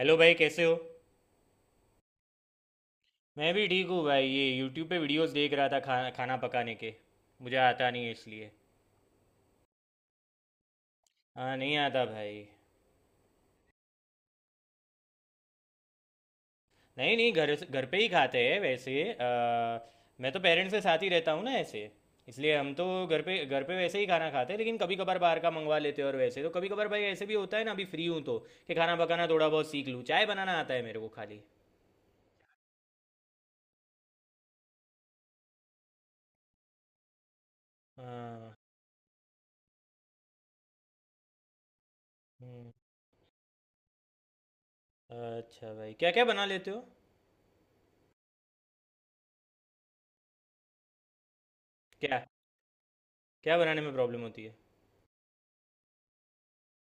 Hello भाई, कैसे हो। मैं भी ठीक हूँ भाई। ये यूट्यूब पे वीडियोस देख रहा था। खाना पकाने के। मुझे आता नहीं है इसलिए। हाँ, नहीं आता भाई। नहीं नहीं, घर पे ही खाते हैं वैसे। मैं तो पेरेंट्स के साथ ही रहता हूँ ना ऐसे। इसलिए हम तो घर पे वैसे ही खाना खाते हैं, लेकिन कभी कभार बाहर का मंगवा लेते हैं। और वैसे तो कभी कभार भाई ऐसे भी होता है ना। अभी फ्री हूँ तो कि खाना पकाना थोड़ा बहुत सीख लूँ। चाय बनाना आता है मेरे को खाली। हाँ। हम्म। अच्छा भाई, क्या क्या बना लेते हो। क्या क्या बनाने में प्रॉब्लम होती है।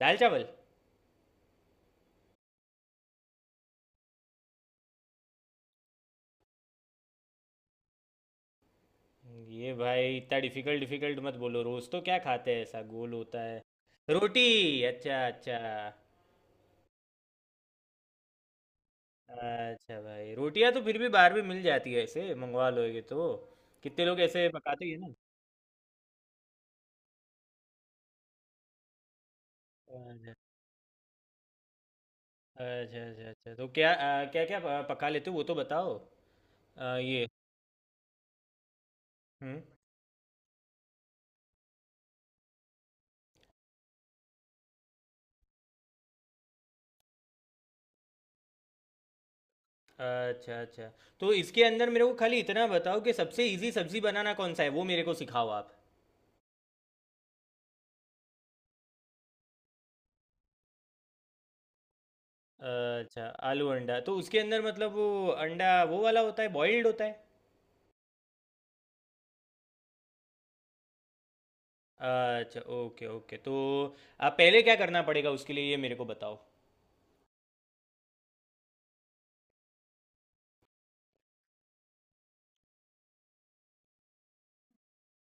दाल चावल। ये भाई, इतना डिफिकल्ट डिफिकल्ट मत बोलो। रोज तो क्या खाते हैं ऐसा गोल होता है। रोटी। अच्छा अच्छा। अच्छा भाई, रोटियां तो फिर भी बाहर भी मिल जाती है, ऐसे मंगवा लोगे तो। कितने लोग ऐसे पकाते ही हैं ना। अच्छा अच्छा अच्छा अच्छा, तो क्या क्या क्या पका लेते हो वो तो बताओ। ये। हम्म। अच्छा अच्छा, तो इसके अंदर मेरे को खाली इतना बताओ कि सबसे इजी सब्जी बनाना कौन सा है, वो मेरे को सिखाओ आप। अच्छा, आलू अंडा तो उसके अंदर मतलब वो अंडा वो वाला होता है, बॉइल्ड होता है। अच्छा ओके ओके, तो आप पहले क्या करना पड़ेगा उसके लिए ये मेरे को बताओ।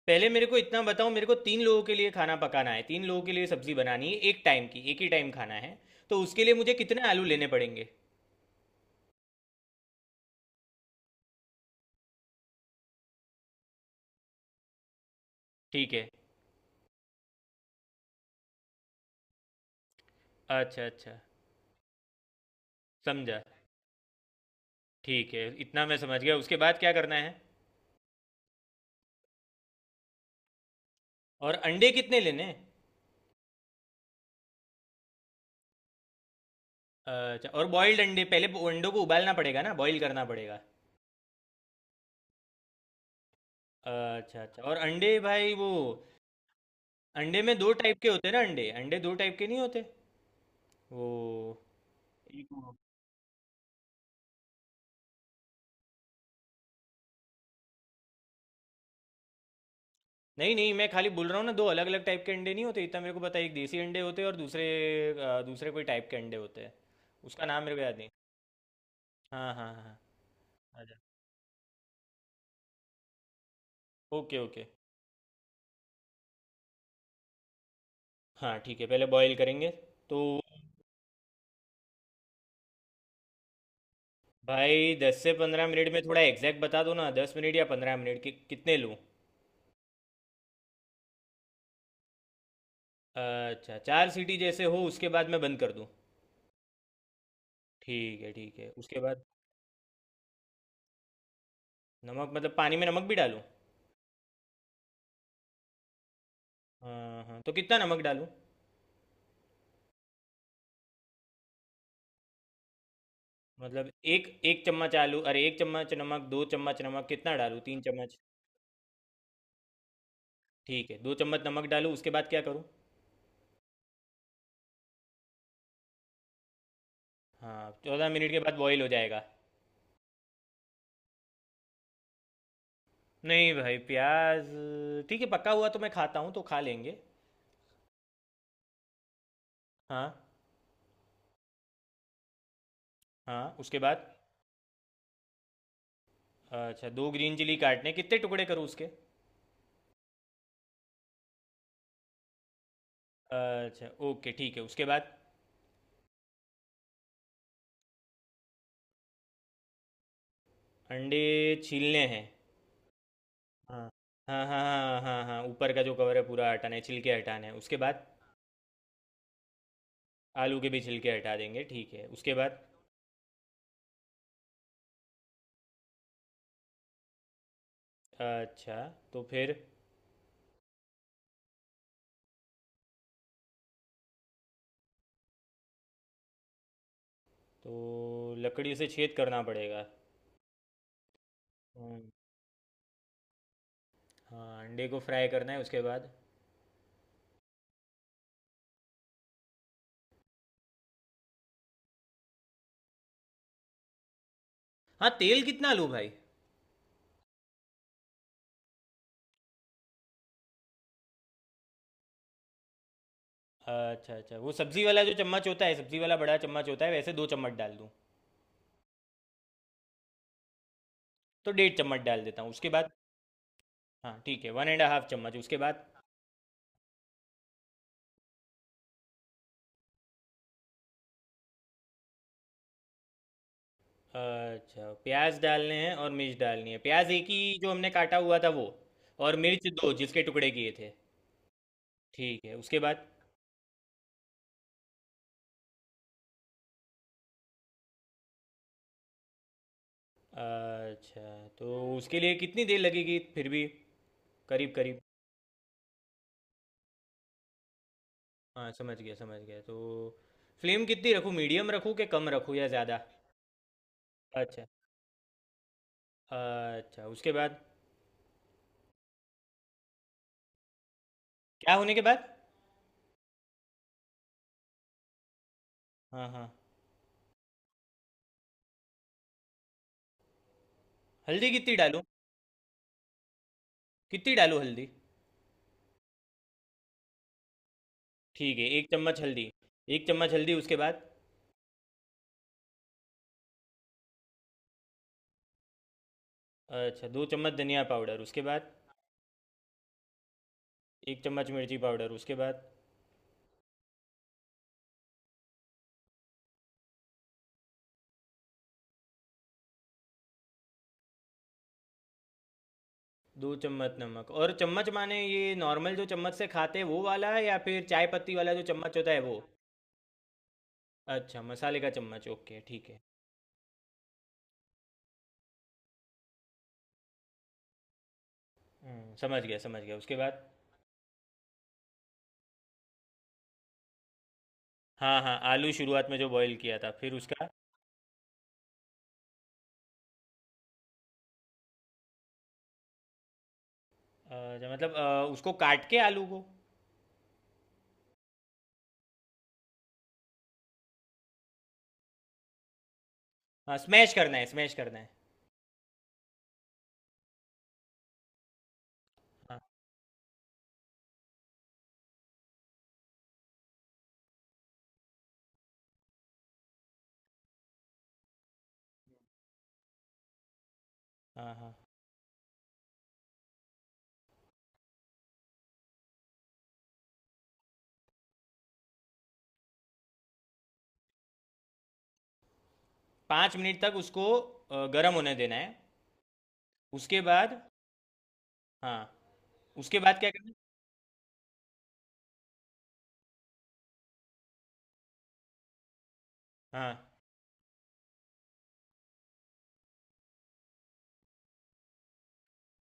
पहले मेरे को इतना बताओ, मेरे को तीन लोगों के लिए खाना पकाना है, तीन लोगों के लिए सब्जी बनानी है, एक टाइम की, एक ही टाइम खाना है। तो उसके लिए मुझे कितने आलू लेने पड़ेंगे। ठीक है। अच्छा अच्छा। समझा। ठीक है, इतना मैं समझ गया, उसके बाद क्या करना है। और अंडे कितने लेने हैं? अच्छा, और बॉइल्ड अंडे, पहले वो अंडों को उबालना पड़ेगा ना, बॉईल करना पड़ेगा। अच्छा अच्छा, और अंडे भाई वो अंडे में दो टाइप के होते हैं ना। अंडे अंडे दो टाइप के नहीं होते। वो। नहीं नहीं, मैं खाली बोल रहा हूँ ना, दो अलग अलग टाइप के अंडे नहीं होते, इतना मेरे को पता है। एक देसी अंडे होते हैं, और दूसरे दूसरे कोई टाइप के अंडे होते हैं, उसका नाम मेरे को याद नहीं। हाँ हाँ हाँ। अच्छा ओके ओके। हाँ ठीक है, पहले बॉईल करेंगे तो। भाई 10 से 15 मिनट में थोड़ा एग्जैक्ट बता दो ना, 10 मिनट या 15 मिनट कितने लूँ। अच्छा, चार सीटी जैसे हो उसके बाद मैं बंद कर दूँ। ठीक है ठीक है, उसके बाद। नमक मतलब पानी में नमक भी डालूँ। हाँ हाँ, तो कितना नमक डालूँ। मतलब एक एक चम्मच आलू, अरे एक चम्मच नमक, दो चम्मच नमक, कितना डालूँ, तीन चम्मच। ठीक है, दो चम्मच नमक डालूँ, उसके बाद क्या करूँ। हाँ, 14 मिनट के बाद बॉईल हो जाएगा। नहीं भाई, प्याज ठीक है, पका हुआ तो मैं खाता हूँ तो खा लेंगे। हाँ हाँ, उसके बाद। अच्छा, दो ग्रीन चिली काटने कितने टुकड़े करूँ उसके। अच्छा ओके, ठीक है उसके बाद। अंडे छीलने हैं। हाँ हाँ हाँ। हाँ हाँ हाँ, ऊपर का जो कवर है पूरा हटाना है, छिलके हटाना है, उसके बाद। आलू के भी छिलके हटा देंगे, ठीक है उसके बाद। अच्छा। तो फिर। तो लकड़ी से छेद करना पड़ेगा। हम्म, हाँ, अंडे को फ्राई करना है, उसके बाद। हाँ, तेल कितना लूँ भाई। अच्छा अच्छा, वो सब्जी वाला जो चम्मच होता है, सब्जी वाला बड़ा चम्मच होता है वैसे, दो चम्मच डाल दूँ। तो डेढ़ चम्मच डाल देता हूँ उसके बाद। हाँ ठीक है, वन एंड हाफ चम्मच, उसके बाद। अच्छा, प्याज डालने हैं और मिर्च डालनी है, प्याज एक ही जो हमने काटा हुआ था वो। और मिर्च दो जिसके टुकड़े किए थे। ठीक है, उसके बाद। अच्छा, तो उसके लिए कितनी देर लगेगी फिर भी, करीब करीब। हाँ समझ गया समझ गया, तो फ्लेम कितनी रखूँ, मीडियम रखूँ कि कम रखूँ या ज़्यादा। अच्छा अच्छा, उसके बाद। क्या होने के बाद। हाँ हाँ। हल्दी कितनी डालूँ। कितनी डालूँ हल्दी। ठीक है, एक चम्मच हल्दी। एक चम्मच हल्दी, उसके बाद। अच्छा, दो चम्मच धनिया पाउडर, उसके बाद। एक चम्मच मिर्ची पाउडर, उसके बाद। दो चम्मच नमक, और चम्मच माने ये नॉर्मल जो चम्मच से खाते हैं वो वाला है या फिर चाय पत्ती वाला जो चम्मच होता है वो। अच्छा, मसाले का चम्मच, ओके ठीक है। समझ गया समझ गया, उसके बाद। हाँ हाँ, आलू शुरुआत में जो बॉईल किया था, फिर उसका जो मतलब उसको काट के आलू को। हाँ, स्मैश करना है स्मैश करना है। हाँ हाँ हाँ। 5 मिनट तक उसको गर्म होने देना है। उसके बाद। हाँ, उसके बाद क्या करना है। हाँ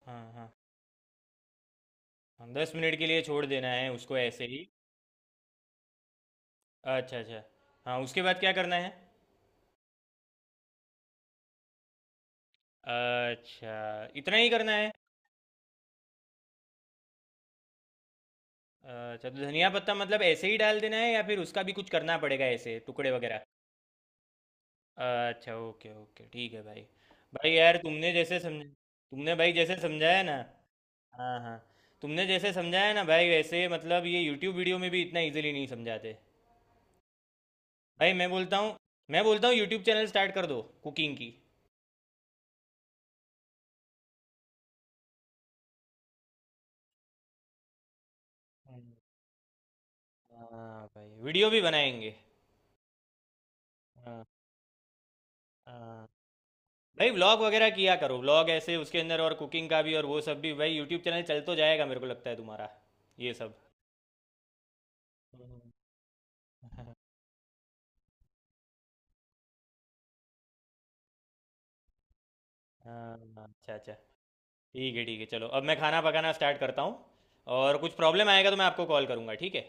हाँ हाँ। हाँ, दस मिनट के लिए छोड़ देना है उसको ऐसे ही। अच्छा अच्छा। हाँ, उसके बाद क्या करना है। अच्छा, इतना ही करना है। अच्छा, तो धनिया पत्ता मतलब ऐसे ही डाल देना है या फिर उसका भी कुछ करना पड़ेगा, ऐसे टुकड़े वगैरह। अच्छा ओके ओके, ठीक है भाई। भाई यार, तुमने जैसे समझ, तुमने भाई जैसे समझाया ना। हाँ हाँ। तुमने जैसे समझाया ना भाई, वैसे मतलब ये यूट्यूब वीडियो में भी इतना इजीली नहीं समझाते। भाई मैं बोलता हूँ, मैं बोलता हूँ यूट्यूब चैनल स्टार्ट कर दो कुकिंग की। हम्म। हाँ भाई, वीडियो भी बनाएंगे। हाँ हाँ। भाई, व्लॉग वगैरह किया करो, व्लॉग ऐसे उसके अंदर, और कुकिंग का भी और वो सब भी। भाई, यूट्यूब चैनल चल तो जाएगा मेरे को लगता है तुम्हारा, ये सब। हम्म। हाँ। अच्छा अच्छा। ठीक है ठीक है, चलो अब मैं खाना पकाना स्टार्ट करता हूँ। और कुछ प्रॉब्लम आएगा तो मैं आपको कॉल करूँगा, ठीक है।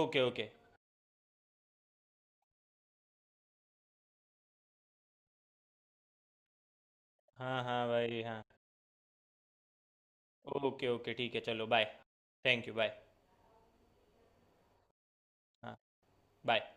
Okay okay. हाँ हाँ भाई हाँ। ओके ओके, ठीक है चलो बाय। Thank you, bye. हाँ। बाय।